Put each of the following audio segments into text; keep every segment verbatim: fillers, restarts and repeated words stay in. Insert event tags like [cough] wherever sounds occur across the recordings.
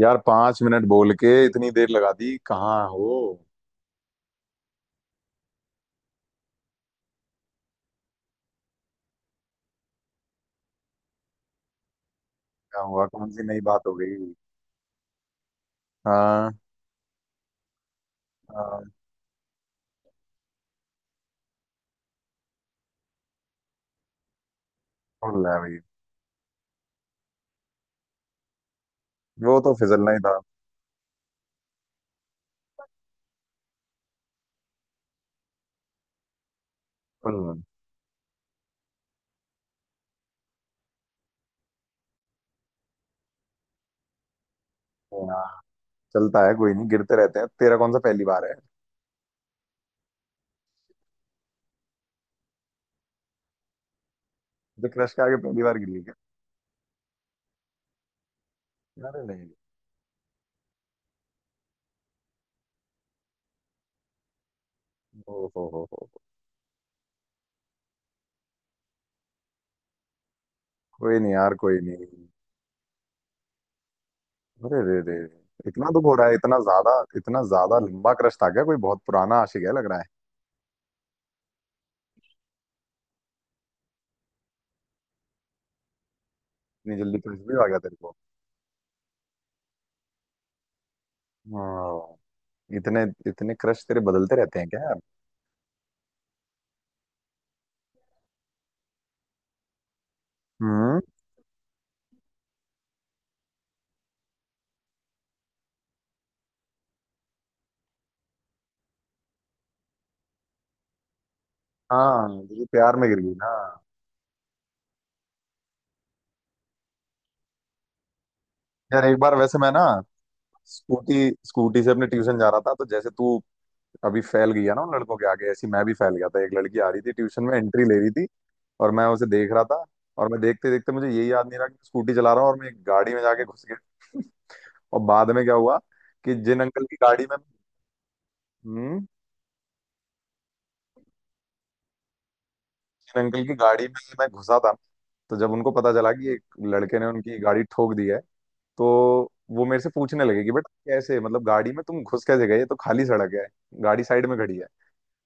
यार, पांच मिनट बोल के इतनी देर लगा दी, कहाँ हो? क्या हुआ? कौन सी नई बात हो गई? हाँ। हाँ। फुल है भाई। वो तो फिसलना ही था। फुल। हाँ, चलता है, कोई नहीं, गिरते रहते हैं, तेरा कौन सा पहली बार है। तो क्रश के आगे पहली बार गिरी है क्या? अरे नहीं। ओ हो हो हो। कोई नहीं यार, कोई नहीं। अरे रे रे। इतना दुख हो रहा है इतना ज्यादा? इतना ज्यादा लंबा क्रश था क्या? कोई बहुत पुराना आशिक है लग रहा है। इतनी जल्दी क्रश भी आ गया तेरे को। हाँ। इतने, इतने क्रश तेरे बदलते रहते हैं क्या यार? हम्म। हाँ। ये प्यार में गिर गई ना। यार एक बार वैसे मैं ना स्कूटी स्कूटी से अपने ट्यूशन जा रहा था, तो जैसे तू अभी फैल गई है ना उन लड़कों के आगे, ऐसी मैं भी फैल गया था। एक लड़की आ रही थी, ट्यूशन में एंट्री ले रही थी, और मैं उसे देख रहा था। और मैं देखते देखते मुझे ये याद नहीं रहा कि स्कूटी चला रहा हूँ, और मैं एक गाड़ी में जाके घुस गया। [laughs] और बाद में क्या हुआ, कि जिन अंकल की गाड़ी में, हम्म, इन अंकल की गाड़ी में मैं घुसा था, तो जब उनको पता चला कि एक लड़के ने उनकी गाड़ी ठोक दी है, तो वो मेरे से पूछने लगे कि बेटा कैसे, मतलब गाड़ी में तुम घुस कैसे गए, ये तो खाली सड़क है, गाड़ी साइड में खड़ी है।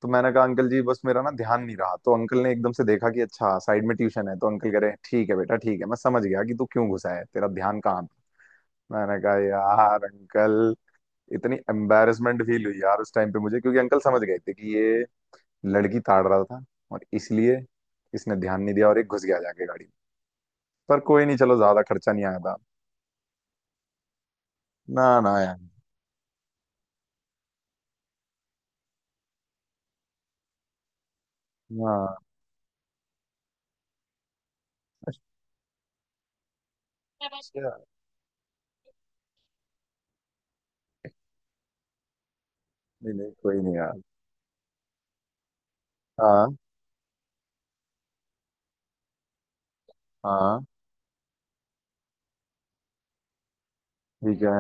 तो मैंने कहा, अंकल जी बस मेरा ना ध्यान नहीं रहा। तो अंकल ने एकदम से देखा कि अच्छा साइड में ट्यूशन है, तो अंकल कह रहे हैं, ठीक है बेटा ठीक है, मैं समझ गया कि तू क्यों घुसा है, तेरा ध्यान कहाँ था। मैंने कहा यार अंकल, इतनी एम्बेरसमेंट फील हुई यार उस टाइम पे मुझे, क्योंकि अंकल समझ गए थे कि ये लड़की ताड़ रहा था, और इसलिए इसने ध्यान नहीं दिया और एक घुस गया जाके गाड़ी में। पर कोई नहीं, चलो ज्यादा खर्चा नहीं आया था। ना ना यार। ना। अच्छा, नहीं नहीं, कोई नहीं यार। हाँ। हाँ। ठीक है।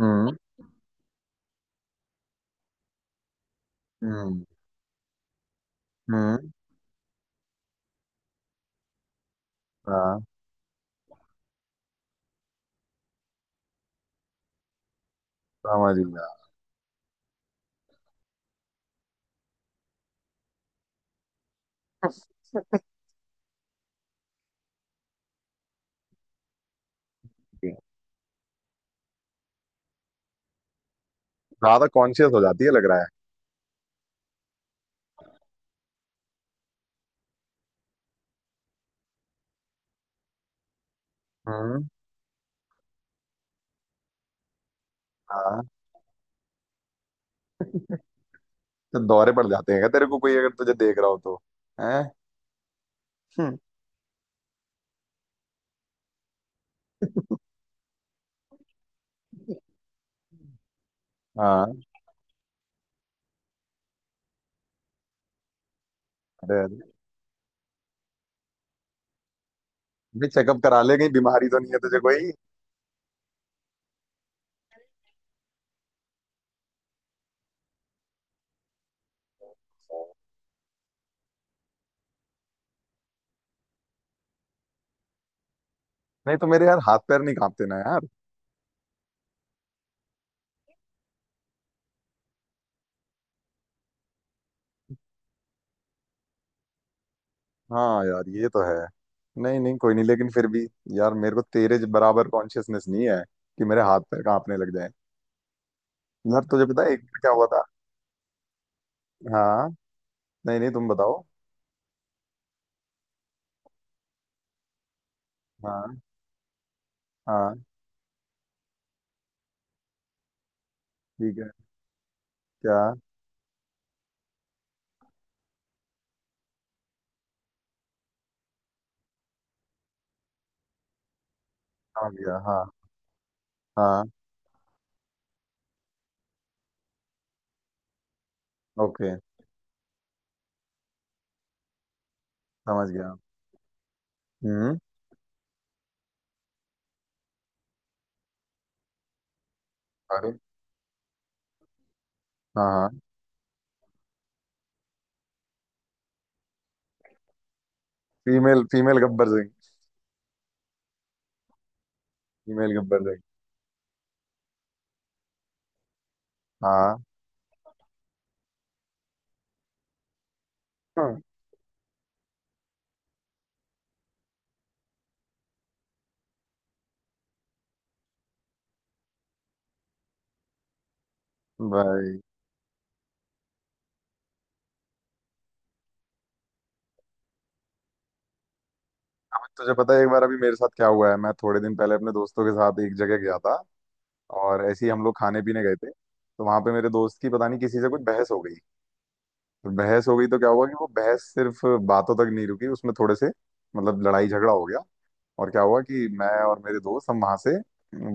हम्म। हम्म। हम्म। हाँ। समझ गया। ज्यादा कॉन्शियस हो जाती है लग रहा है। हम्म। हाँ। तो दौरे पड़ जाते हैं क्या तेरे को, कोई अगर तुझे देख रहा हो तो? हैं? हम्म, हाँ। अरे अरे, भाई चेकअप करा ले, कहीं बीमारी तो नहीं है तुझे? कोई नहीं तो मेरे यार हाथ पैर नहीं कांपते ना यार। हाँ यार ये तो है। नहीं नहीं कोई नहीं, लेकिन फिर भी यार, मेरे को तेरे ज- बराबर कॉन्शियसनेस नहीं है कि मेरे हाथ पैर कांपने लग जाए। यार तुझे पता है एक बार क्या हुआ था। हाँ। नहीं नहीं तुम बताओ। हाँ। हाँ। ठीक है। क्या? समझ गया। हाँ। हाँ। ओके। समझ गया। हम्म। अरे। हाँ हाँ। Female female Gabbar Singh. Female Gabbar Singh. हाँ, हाँ। भाई। अब तुझे पता है एक बार अभी मेरे साथ क्या हुआ है, मैं थोड़े दिन पहले अपने दोस्तों के साथ एक जगह गया था, और ऐसे ही हम लोग खाने पीने गए थे। तो वहां पे मेरे दोस्त की पता नहीं किसी से कुछ बहस हो गई। तो बहस हो गई तो क्या हुआ कि वो बहस सिर्फ बातों तक नहीं रुकी, उसमें थोड़े से, मतलब लड़ाई झगड़ा हो गया। और क्या हुआ कि मैं और मेरे दोस्त हम वहां से,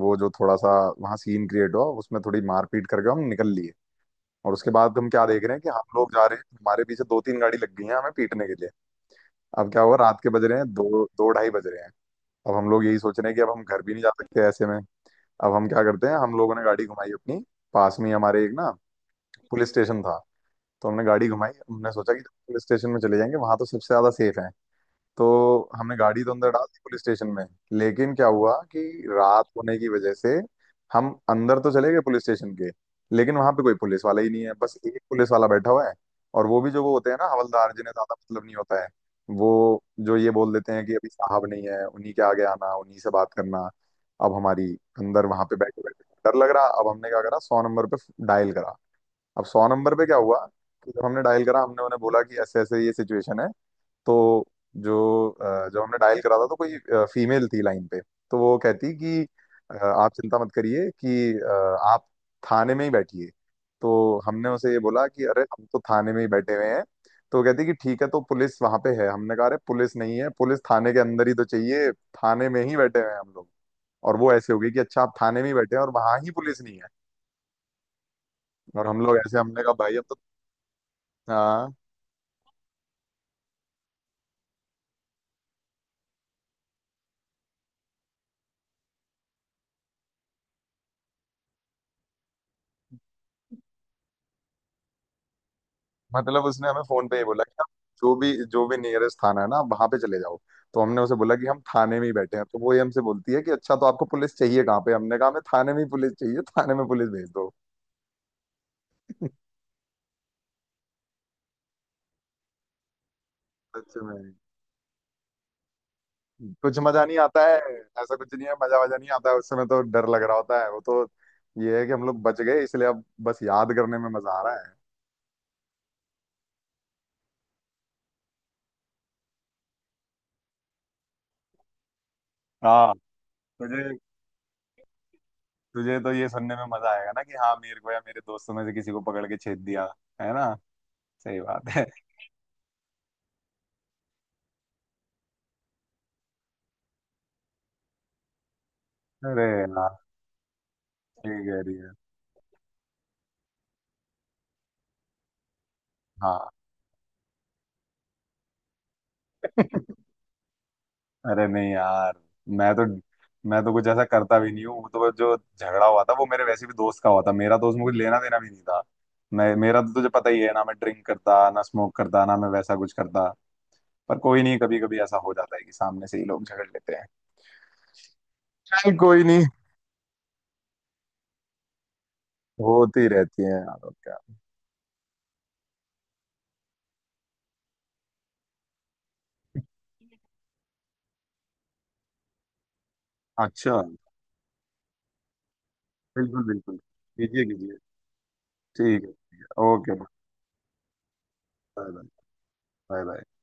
वो जो थोड़ा सा वहां सीन क्रिएट हुआ उसमें, थोड़ी मारपीट करके हम निकल लिए। और उसके बाद हम क्या देख रहे हैं कि हम लोग जा रहे हैं, हमारे पीछे दो तीन गाड़ी लग गई है हमें पीटने के लिए। अब क्या हुआ, रात के बज रहे हैं, दो, दो ढाई बज रहे हैं। अब हम लोग यही सोच रहे हैं कि अब हम घर भी नहीं जा सकते ऐसे में। अब हम क्या करते हैं, हम लोगों ने गाड़ी घुमाई अपनी, पास में ही हमारे एक ना पुलिस स्टेशन था। तो हमने गाड़ी घुमाई, हमने सोचा कि पुलिस स्टेशन में चले जाएंगे, वहां तो सबसे ज्यादा सेफ है। तो हमने गाड़ी तो अंदर डाल दी पुलिस स्टेशन में। लेकिन क्या हुआ कि रात होने की वजह से, हम अंदर तो चले गए पुलिस स्टेशन के, लेकिन वहां पे कोई पुलिस वाला ही नहीं है, बस एक पुलिस वाला बैठा हुआ है। और वो भी जो वो होते हैं ना हवलदार, जिन्हें ज्यादा मतलब नहीं होता है, वो जो ये बोल देते हैं कि अभी साहब नहीं है, उन्हीं के आगे आना उन्हीं से बात करना। अब हमारी अंदर वहां पे बैठे बैठे डर लग रहा। अब हमने क्या करा, सौ नंबर पे डायल करा। अब सौ नंबर पे क्या हुआ कि जब हमने डायल करा, हमने उन्हें बोला कि ऐसे ऐसे ये सिचुएशन है। तो जो अ, जब हमने डायल करा था तो कोई फीमेल थी लाइन पे। तो वो कहती कि अ, आप चिंता मत करिए कि, अ, आप थाने में ही बैठिए। तो हमने उसे ये बोला कि अरे हम तो थाने में ही बैठे हुए हैं। तो वो कहती कि ठीक है तो पुलिस वहां पे है? हमने कहा, अरे पुलिस नहीं है, पुलिस थाने के अंदर ही तो चाहिए, थाने में ही बैठे हुए हैं हम लोग। और वो ऐसे हो गई कि अच्छा आप थाने में ही बैठे हैं और वहां ही पुलिस नहीं है। और हम लोग ऐसे, हमने कहा भाई अब तो, हाँ। मतलब उसने हमें फोन पे ही बोला कि आप जो भी जो भी नियरेस्ट थाना है ना आप वहां पे चले जाओ। तो हमने उसे बोला कि हम थाने में ही बैठे हैं। तो वो ये हमसे बोलती है कि अच्छा तो आपको पुलिस चाहिए कहाँ पे? हमने कहा, हमें थाने में ही पुलिस चाहिए, थाने में पुलिस भेज दो। सच में कुछ मजा नहीं आता है। ऐसा कुछ नहीं है, मजा वजा नहीं आता है, उस समय तो डर लग रहा होता है वो तो। ये है कि हम लोग बच गए इसलिए अब बस याद करने में मजा आ रहा है। हाँ। तुझे, तुझे तो ये सुनने में मजा आएगा ना कि हाँ मेरे को या मेरे दोस्तों में से किसी को पकड़ के छेद दिया है ना? सही बात है। [laughs] अरे यार। ठीक है ठीक है। हाँ। [laughs] अरे नहीं यार। मैं तो, मैं तो कुछ ऐसा करता भी नहीं हूँ, वो तो जो झगड़ा हुआ था वो मेरे वैसे भी दोस्त का हुआ था, मेरा दोस्त, मुझे लेना देना भी नहीं था। मैं, मेरा तो तुझे पता ही है ना, मैं ड्रिंक करता ना, स्मोक करता ना, मैं वैसा कुछ करता। पर कोई नहीं, कभी कभी ऐसा हो जाता है कि सामने से ही लोग झगड़ लेते हैं। चल कोई नहीं। होती रहती है यार और क्या। अच्छा। बिल्कुल बिल्कुल कीजिए कीजिए। ठीक है ठीक है, okay. Bye bye. Bye bye.